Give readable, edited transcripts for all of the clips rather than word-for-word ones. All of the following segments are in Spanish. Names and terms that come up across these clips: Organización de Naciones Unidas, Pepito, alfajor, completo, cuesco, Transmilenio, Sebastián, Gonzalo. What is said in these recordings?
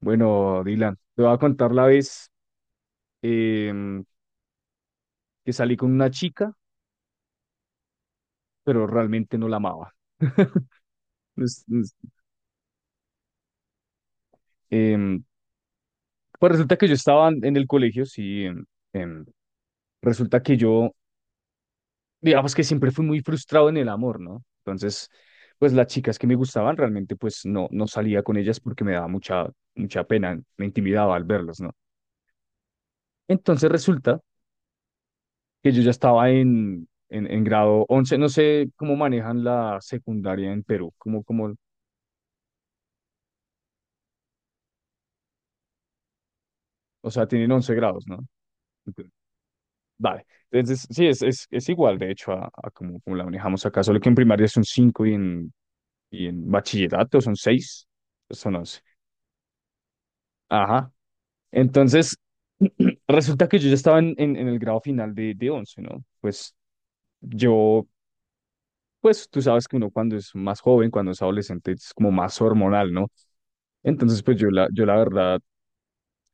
Bueno, Dylan, te voy a contar la vez em, que salí con una chica, pero realmente no la amaba. Pues, pues, em, pues resulta que yo estaba en el colegio, sí. Em, resulta que yo, digamos que siempre fui muy frustrado en el amor, ¿no? Entonces, pues las chicas que me gustaban realmente, pues no, no salía con ellas porque me daba mucha, mucha pena, me intimidaba al verlas, ¿no? Entonces resulta que yo ya estaba en grado once. No sé cómo manejan la secundaria en Perú, o sea, tienen 11 grados, ¿no? Entiendo. Vale. Entonces, sí, es igual, de hecho, a como la manejamos acá, solo que en primaria son 5 y y en bachillerato son seis, son once. Ajá. Entonces, resulta que yo ya estaba en el grado final de once, ¿no? Pues yo pues tú sabes que uno cuando es más joven, cuando es adolescente, es como más hormonal, ¿no? Entonces, pues yo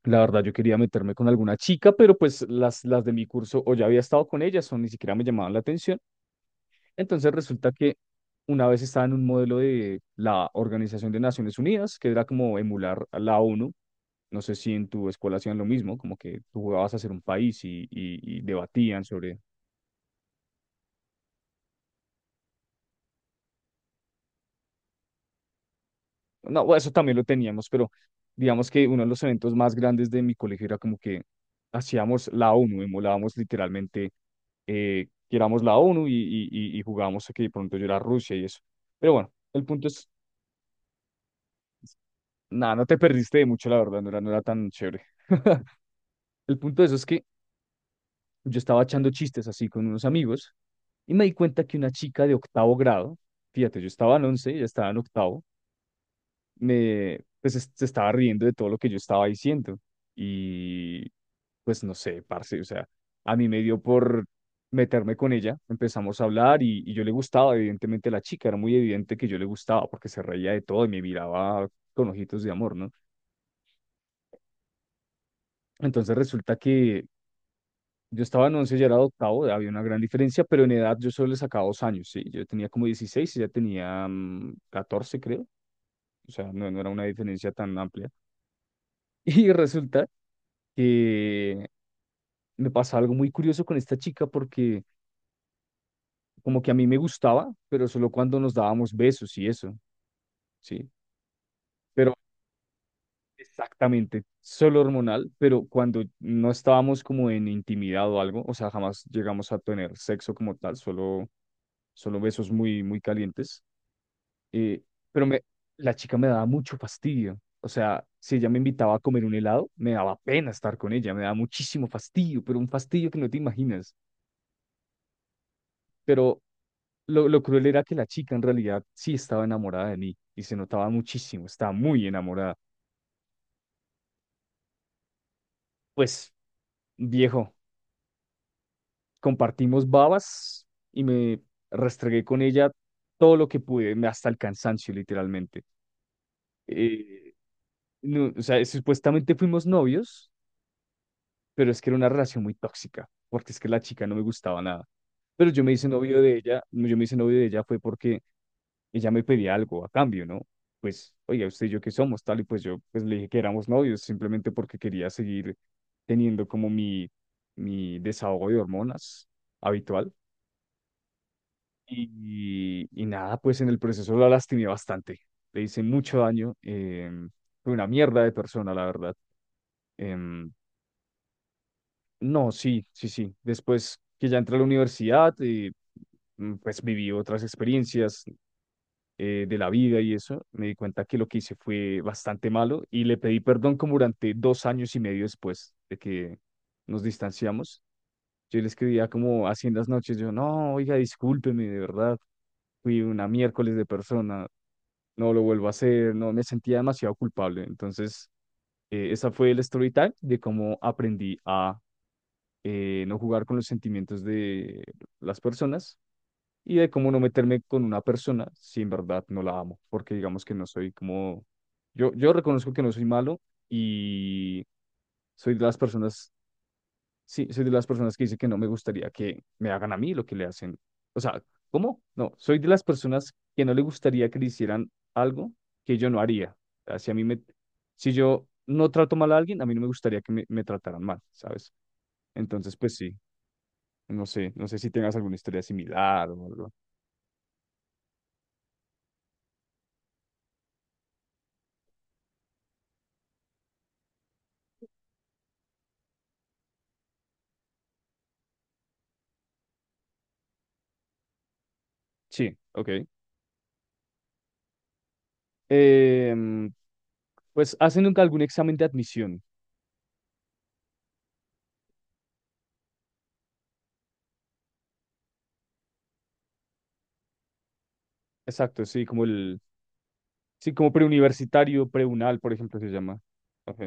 la verdad, yo quería meterme con alguna chica, pero pues las de mi curso o ya había estado con ellas o ni siquiera me llamaban la atención. Entonces resulta que una vez estaba en un modelo de la Organización de Naciones Unidas, que era como emular a la ONU. No sé si en tu escuela hacían lo mismo, como que tú jugabas a ser un país y debatían sobre... No, bueno, eso también lo teníamos, pero digamos que uno de los eventos más grandes de mi colegio era como que hacíamos la ONU, emulábamos literalmente, que éramos la ONU y jugábamos a que de pronto yo era Rusia y eso. Pero bueno, el punto es, nada, no te perdiste de mucho, la verdad, no era, no era tan chévere. El punto de eso es que yo estaba echando chistes así con unos amigos y me di cuenta que una chica de octavo grado, fíjate, yo estaba en once, ella estaba en octavo, pues se estaba riendo de todo lo que yo estaba diciendo. Y pues no sé, parce, o sea, a mí me dio por meterme con ella, empezamos a hablar y yo le gustaba, evidentemente la chica, era muy evidente que yo le gustaba porque se reía de todo y me miraba con ojitos de amor, ¿no? Entonces resulta que yo estaba en once, ya era de octavo, había una gran diferencia, pero en edad yo solo le sacaba dos años, ¿sí? Yo tenía como 16 y ella tenía 14, creo, o sea, no, no era una diferencia tan amplia. Y resulta que me pasaba algo muy curioso con esta chica porque como que a mí me gustaba, pero solo cuando nos dábamos besos y eso, ¿sí? Pero exactamente, solo hormonal, pero cuando no estábamos como en intimidad o algo, o sea, jamás llegamos a tener sexo como tal, solo, solo besos muy, muy calientes. eh, pero me, la chica me daba mucho fastidio. O sea, si ella me invitaba a comer un helado, me daba pena estar con ella, me daba muchísimo fastidio, pero un fastidio que no te imaginas. Pero lo cruel era que la chica en realidad sí estaba enamorada de mí y se notaba muchísimo, estaba muy enamorada. Pues, viejo, compartimos babas y me restregué con ella todo lo que pude, hasta el cansancio, literalmente. Eh, no, o sea, supuestamente fuimos novios, pero es que era una relación muy tóxica, porque es que la chica no me gustaba nada. Pero yo me hice novio de ella, yo me hice novio de ella fue porque ella me pedía algo a cambio, ¿no? Pues, oiga, usted y yo qué somos, tal, y pues yo pues le dije que éramos novios, simplemente porque quería seguir teniendo como mi desahogo de hormonas habitual. Y nada, pues en el proceso la lastimé bastante, le hice mucho daño, fue una mierda de persona, la verdad. Em, No, sí, sí, sí. Después que ya entré a la universidad, pues viví otras experiencias de la vida y eso. Me di cuenta que lo que hice fue bastante malo y le pedí perdón como durante dos años y medio después de que nos distanciamos. Yo le escribía como así en las noches, yo, no, oiga, discúlpeme, de verdad, fui una miércoles de persona, no lo vuelvo a hacer, no, me sentía demasiado culpable. Entonces, esa fue el story time de cómo aprendí a, no jugar con los sentimientos de las personas y de cómo no meterme con una persona si en verdad no la amo, porque digamos que no soy como, yo reconozco que no soy malo y soy de las personas, sí, soy de las personas que dice que no me gustaría que me hagan a mí lo que le hacen. O sea, ¿cómo? No, soy de las personas que no le gustaría que le hicieran algo que yo no haría. O sea, si a mí me, si yo no trato mal a alguien, a mí no me gustaría que me trataran mal, ¿sabes? Entonces, pues sí. No sé, no sé si tengas alguna historia similar o algo. Sí, ok. Em, pues hacen nunca algún examen de admisión. Exacto, sí, sí, como preuniversitario, preunal, por ejemplo, se llama. Ok,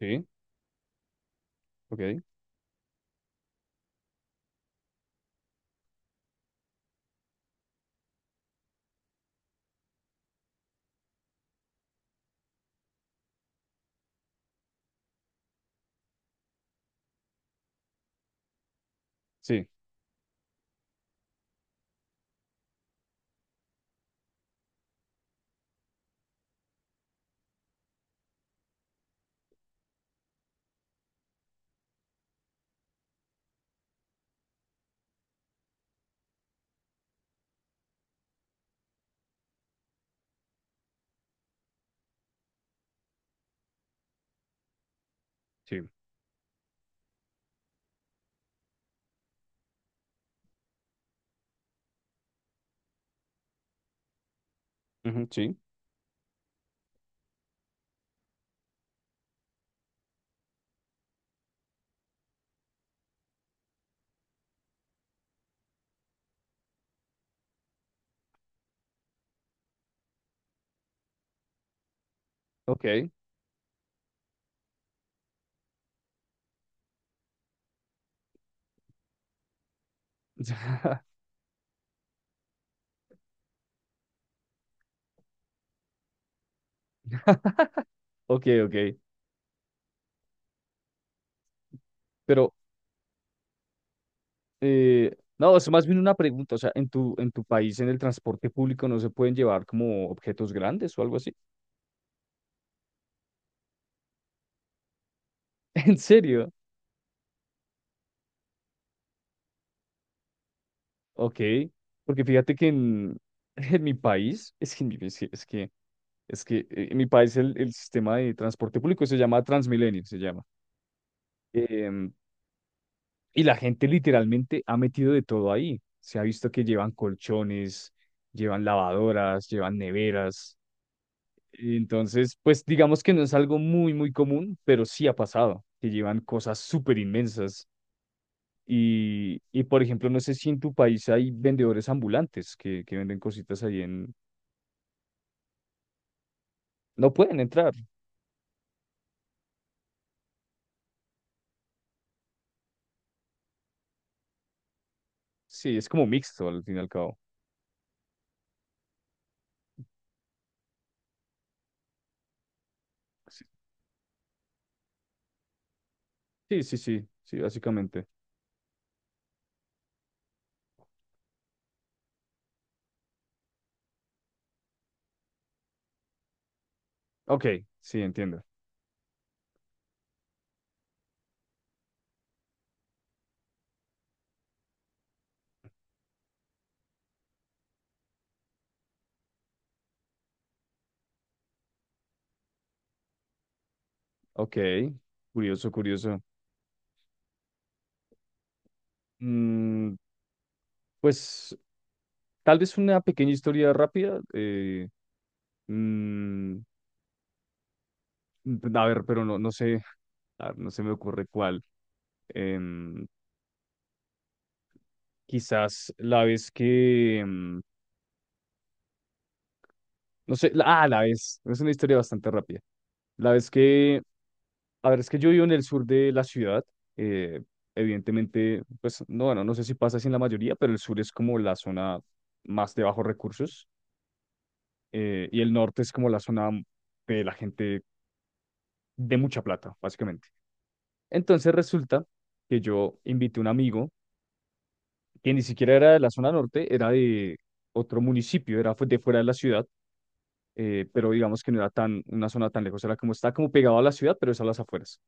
sí, ok, sí, sí, ujú, sí, ok, ok, ok. Pero, no, es más bien una pregunta, o sea, ¿en en tu país, en el transporte público, no se pueden llevar como objetos grandes o algo así? ¿En serio? Ok, porque fíjate que en, en mi país, es que, es que, es que, es que, en mi país el sistema de transporte público se llama Transmilenio, se llama. Em, y la gente literalmente ha metido de todo ahí. Se ha visto que llevan colchones, llevan lavadoras, llevan neveras. Entonces, pues digamos que no es algo muy, muy común, pero sí ha pasado, que llevan cosas súper inmensas. Y, por ejemplo, no sé si en tu país hay vendedores ambulantes que venden cositas ahí. No pueden entrar. Sí, es como mixto al fin y al cabo. Sí, sí, sí, sí, sí, básicamente. Ok, sí, entiendo. Ok, curioso, curioso. Mm, pues tal vez una pequeña historia rápida. Mm, a ver, pero no, no sé, a ver, no se me ocurre cuál. em, Quizás la vez que, no sé, ah, la vez, es una historia bastante rápida. La vez que... A ver, es que yo vivo en el sur de la ciudad. eh, Evidentemente, pues no, bueno, no sé si pasa así en la mayoría, pero el sur es como la zona más de bajos recursos, y el norte es como la zona de la gente de mucha plata, básicamente. Entonces resulta que yo invité a un amigo que ni siquiera era de la zona norte, era de otro municipio, era de fuera de la ciudad, pero digamos que no era tan una zona tan lejos, era como está como pegado a la ciudad, pero es a las afueras.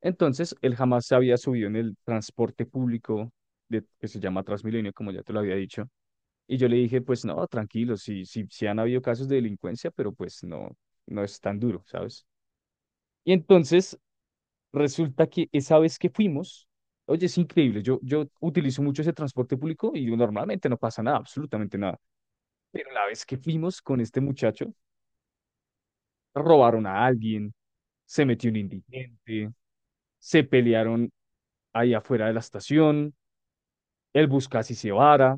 Entonces, él jamás se había subido en el transporte público de, que se llama Transmilenio, como ya te lo había dicho. Y yo le dije, pues no, tranquilo, sí, sí, sí han habido casos de delincuencia, pero pues no, no es tan duro, ¿sabes? Y entonces resulta que esa vez que fuimos, oye, es increíble, yo utilizo mucho ese transporte público y normalmente no pasa nada, absolutamente nada. Pero la vez que fuimos con este muchacho, robaron a alguien, se metió un indigente, se pelearon ahí afuera de la estación, el Buscasi se vara,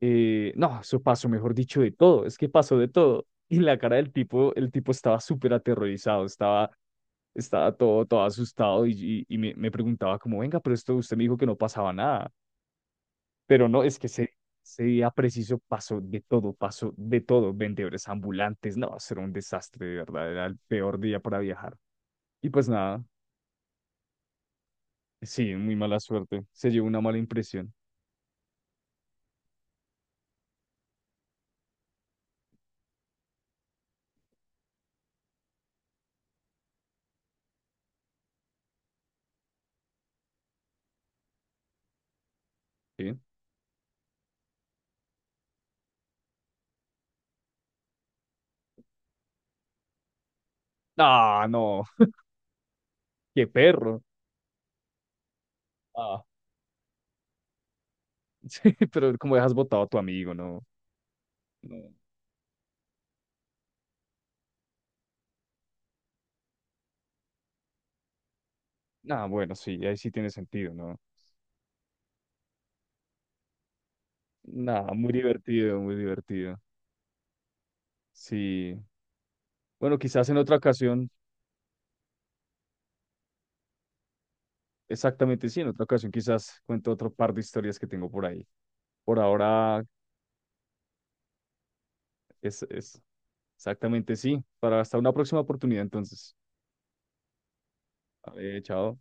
no, eso pasó, mejor dicho, de todo, es que pasó de todo. Y la cara del tipo, el tipo estaba súper aterrorizado, estaba, estaba todo, todo asustado y me preguntaba como, venga, pero esto usted me dijo que no pasaba nada. Pero no, es que ese día preciso pasó de todo, vendedores ambulantes, no, eso era un desastre, de verdad, era el peor día para viajar. Y pues nada, sí, muy mala suerte. Se llevó una mala impresión. ¿Sí? Ah, no, qué perro. Ah. Sí, pero como dejas botado a tu amigo, ¿no? No. Nah, bueno, sí, ahí sí tiene sentido, ¿no? Nada, muy divertido, muy divertido. Sí. Bueno, quizás en otra ocasión, exactamente sí, en otra ocasión quizás cuento otro par de historias que tengo por ahí. Por ahora es exactamente sí. Para hasta una próxima oportunidad, entonces. Vale, chao.